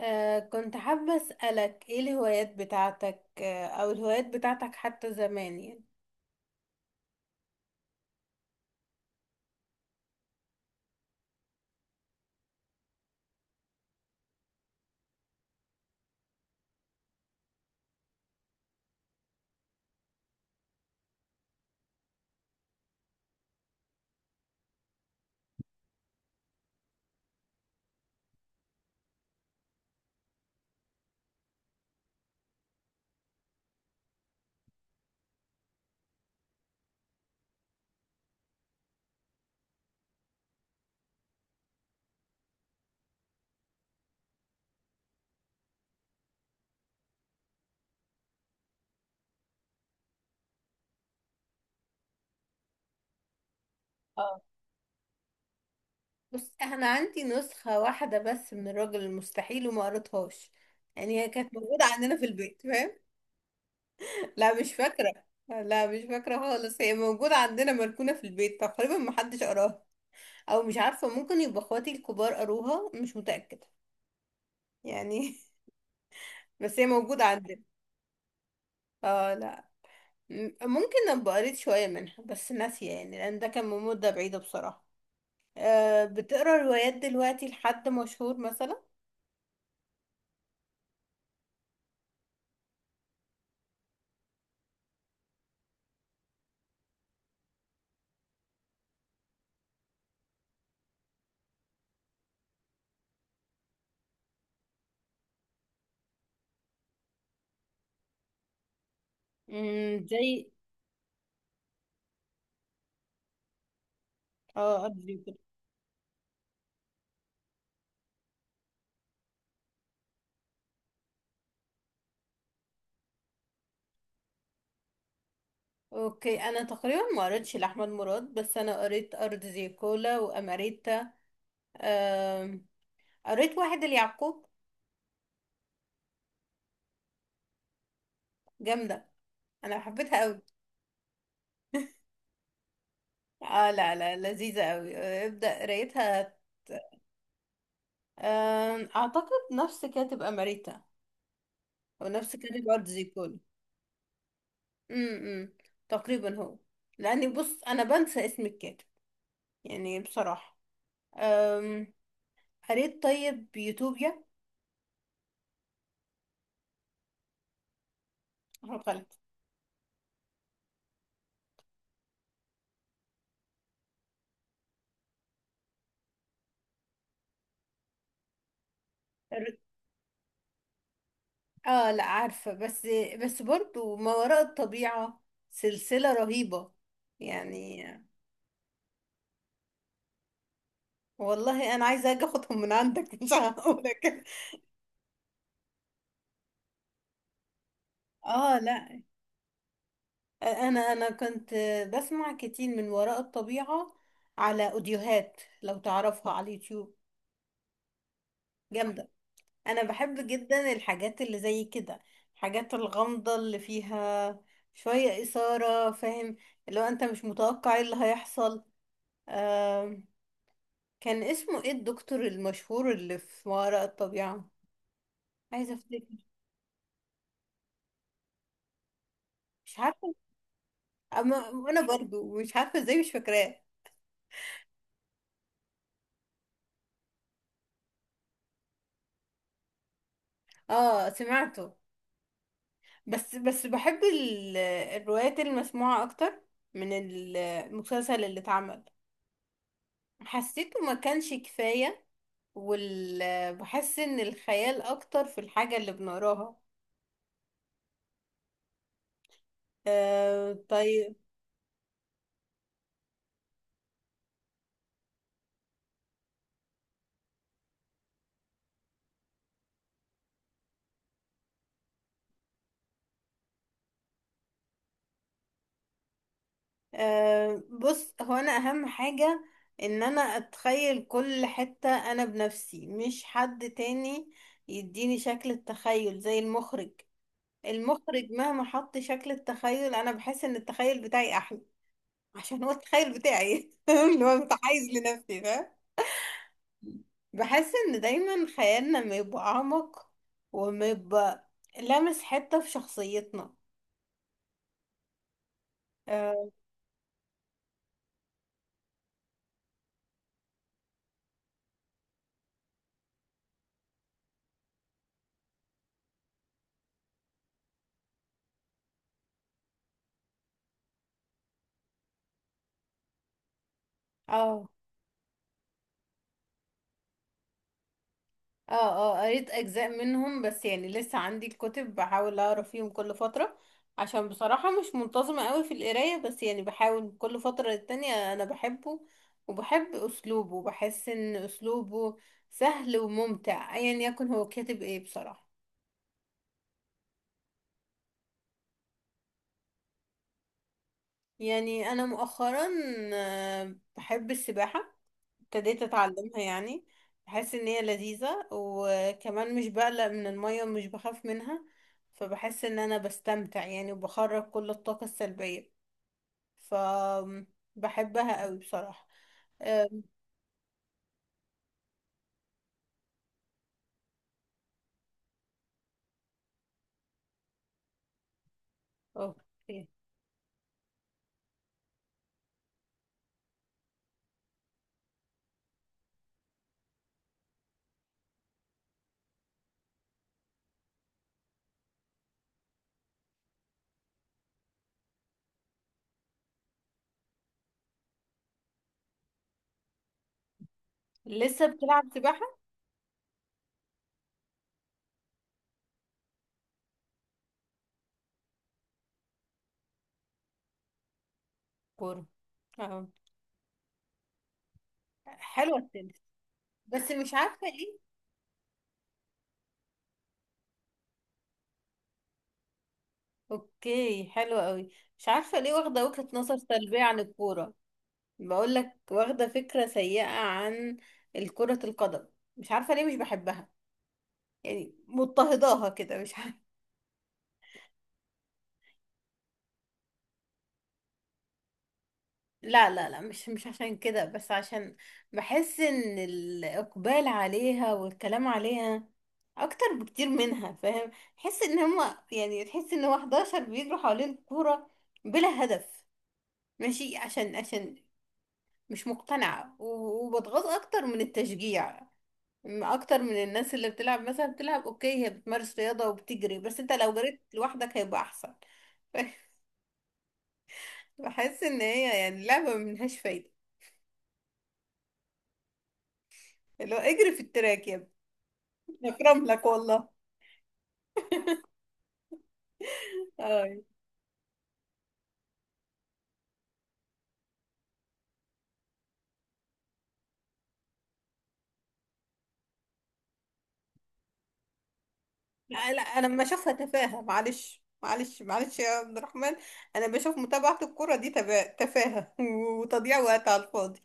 كنت حابة أسألك ايه الهوايات بتاعتك او الهوايات بتاعتك حتى زمان يعني اه بص انا عندي نسخة واحدة بس من الراجل المستحيل وما قريتهاش، يعني هي كانت موجودة عندنا في البيت، فاهم؟ لا مش فاكرة. لا مش فاكرة خالص، هي موجودة عندنا مركونة في البيت تقريبا محدش قراها، او مش عارفة، ممكن يبقى اخواتي الكبار قروها، مش متأكدة يعني. بس هي موجودة عندنا. اه لا، ممكن ابقى قريت شوية منها بس ناسية يعني، لان ده كان من مدة بعيدة بصراحة. أه بتقرا روايات دلوقتي لحد مشهور مثلا؟ امم، زي اه ارض زيكولا. اوكي، انا تقريبا ما قريتش لاحمد مراد، بس انا قريت ارض زيكولا واماريتا. آم، قريت واحد اليعقوب، جامدة، انا حبيتها قوي. اه لا لا، لذيذة قوي، ابدأ قرايتها. اعتقد نفس كاتب اماريتا او نفس كاتب ارض زيكولا. امم، تقريبا هو، لاني بص انا بنسى اسم الكاتب يعني بصراحه. أم... قريت طيب يوتوبيا. غلط. ر- اه لا عارفه، بس بس برضو ما وراء الطبيعه سلسله رهيبه يعني. والله انا عايزه اجي اخدهم من عندك مش هقولك. اه لا، انا كنت بسمع كتير من وراء الطبيعه على اوديوهات لو تعرفها على اليوتيوب. جامده. انا بحب جدا الحاجات اللي زي كده، الحاجات الغامضة اللي فيها شوية إثارة، فاهم؟ اللي هو انت مش متوقع ايه اللي هيحصل. آم، كان اسمه ايه الدكتور المشهور اللي في ما وراء الطبيعة؟ عايزة افتكر، مش عارفة. أما انا برضو مش عارفة ازاي مش فاكراه. اه سمعته، بس بس بحب الروايات المسموعة اكتر من المسلسل اللي اتعمل. حسيته ما كانش كفاية وال... بحس ان الخيال اكتر في الحاجة اللي بنقراها. أه طيب. أه بص، هو انا اهم حاجة ان انا اتخيل كل حتة انا بنفسي مش حد تاني، يديني شكل التخيل زي المخرج. المخرج مهما حط شكل التخيل انا بحس ان التخيل بتاعي احلى، عشان هو التخيل بتاعي اللي هو متحيز لنفسي ده. بحس ان دايما خيالنا ما يبقى اعمق وما يبقى لامس حتة في شخصيتنا. اه اه اه. قريت اجزاء منهم بس يعني لسه عندي الكتب، بحاول اقرا فيهم كل فترة عشان بصراحة مش منتظمة قوي في القراية، بس يعني بحاول كل فترة للتانية، انا بحبه وبحب اسلوبه. بحس ان اسلوبه سهل وممتع، ايا يكن هو كاتب ايه بصراحة. يعني انا مؤخرا بحب السباحة، ابتديت اتعلمها يعني. بحس ان هي لذيذة، وكمان مش بقلق من المية ومش بخاف منها، فبحس ان انا بستمتع يعني وبخرج كل الطاقة السلبية. ف بحبها قوي بصراحة. أم، اوكي. لسه بتلعب سباحة؟ كورة، اه. حلوة التنس، بس مش عارفة ايه. اوكي، حلوة قوي. مش عارفة ليه واخدة وجهة نظر سلبية عن الكورة. بقول لك واخده فكره سيئه عن الكره القدم، مش عارفه ليه مش بحبها، يعني مضطهداها كده مش عارفه. لا لا لا، مش عشان كده، بس عشان بحس ان الاقبال عليها والكلام عليها اكتر بكتير منها، فاهم؟ تحس ان هما يعني تحس ان هو 11 بيجروا حوالين الكوره بلا هدف. ماشي، عشان مش مقتنعه، وبتغاظ اكتر من التشجيع، اكتر من الناس اللي بتلعب مثلا، بتلعب اوكي هي بتمارس رياضة وبتجري، بس انت لو جريت لوحدك هيبقى احسن. بحس ان هي يعني لعبة ملهاش فايدة، اللي هو اجري في التراك يا ابني اكرم لك والله. اه لا لا، انا لما اشوفها تفاهة. معلش معلش معلش يا عبد الرحمن، انا بشوف متابعة الكرة دي تفاهة وتضييع وقت على الفاضي.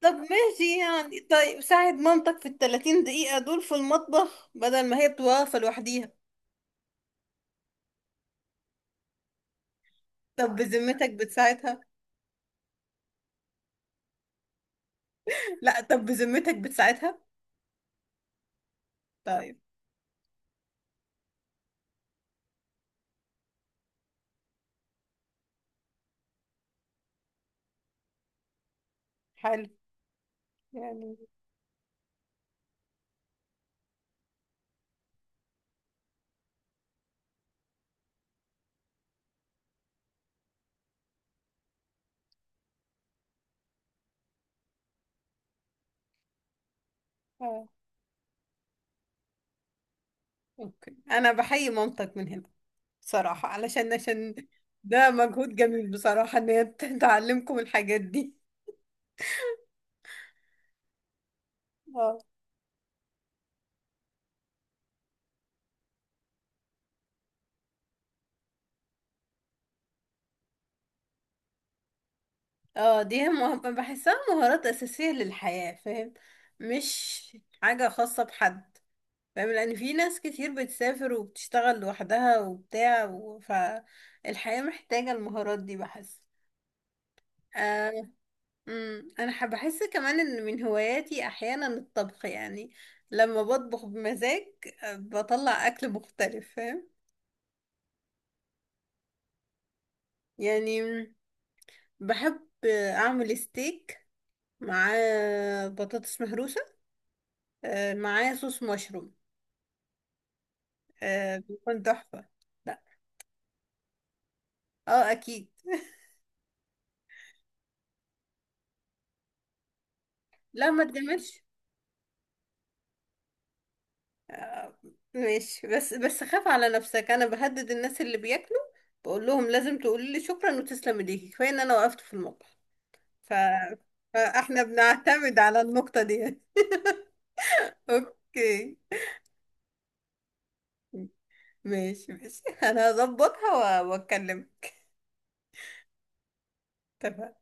طب ماشي يعني، طيب ساعد مامتك في التلاتين دقيقة دول في المطبخ بدل ما هي بتبقى واقفة لوحديها. طب بذمتك بتساعدها؟ لا طب بذمتك بتساعدها؟ طيب، حلو يعني. اه اوكي، انا بحيي مامتك من هنا بصراحة، عشان ده مجهود جميل بصراحة ان هي تعلمكم الحاجات دي. اه اه، بحسها مهارات اساسية للحياة، فاهم؟ مش حاجة خاصة بحد، فاهم؟ لان في ناس كتير بتسافر وبتشتغل لوحدها وبتاع فالحياة محتاجة المهارات دي بحس. آه، امم، بحس كمان ان من هواياتي احيانا الطبخ يعني، لما بطبخ بمزاج بطلع اكل مختلف، فاهم؟ يعني بحب اعمل ستيك مع بطاطس مهروسه، معاه صوص مشروم، بيكون تحفه. لا اه اكيد. لا ما تجملش، ماشي، بس خاف على نفسك، انا بهدد الناس اللي بياكلوا، بقول لهم لازم تقولي لي شكرا وتسلم ايديكي، كفايه ان انا وقفت في المطبخ. ف... فاحنا بنعتمد على النقطة دي. اوكي، ماشي ماشي. انا هظبطها واتكلم. تمام.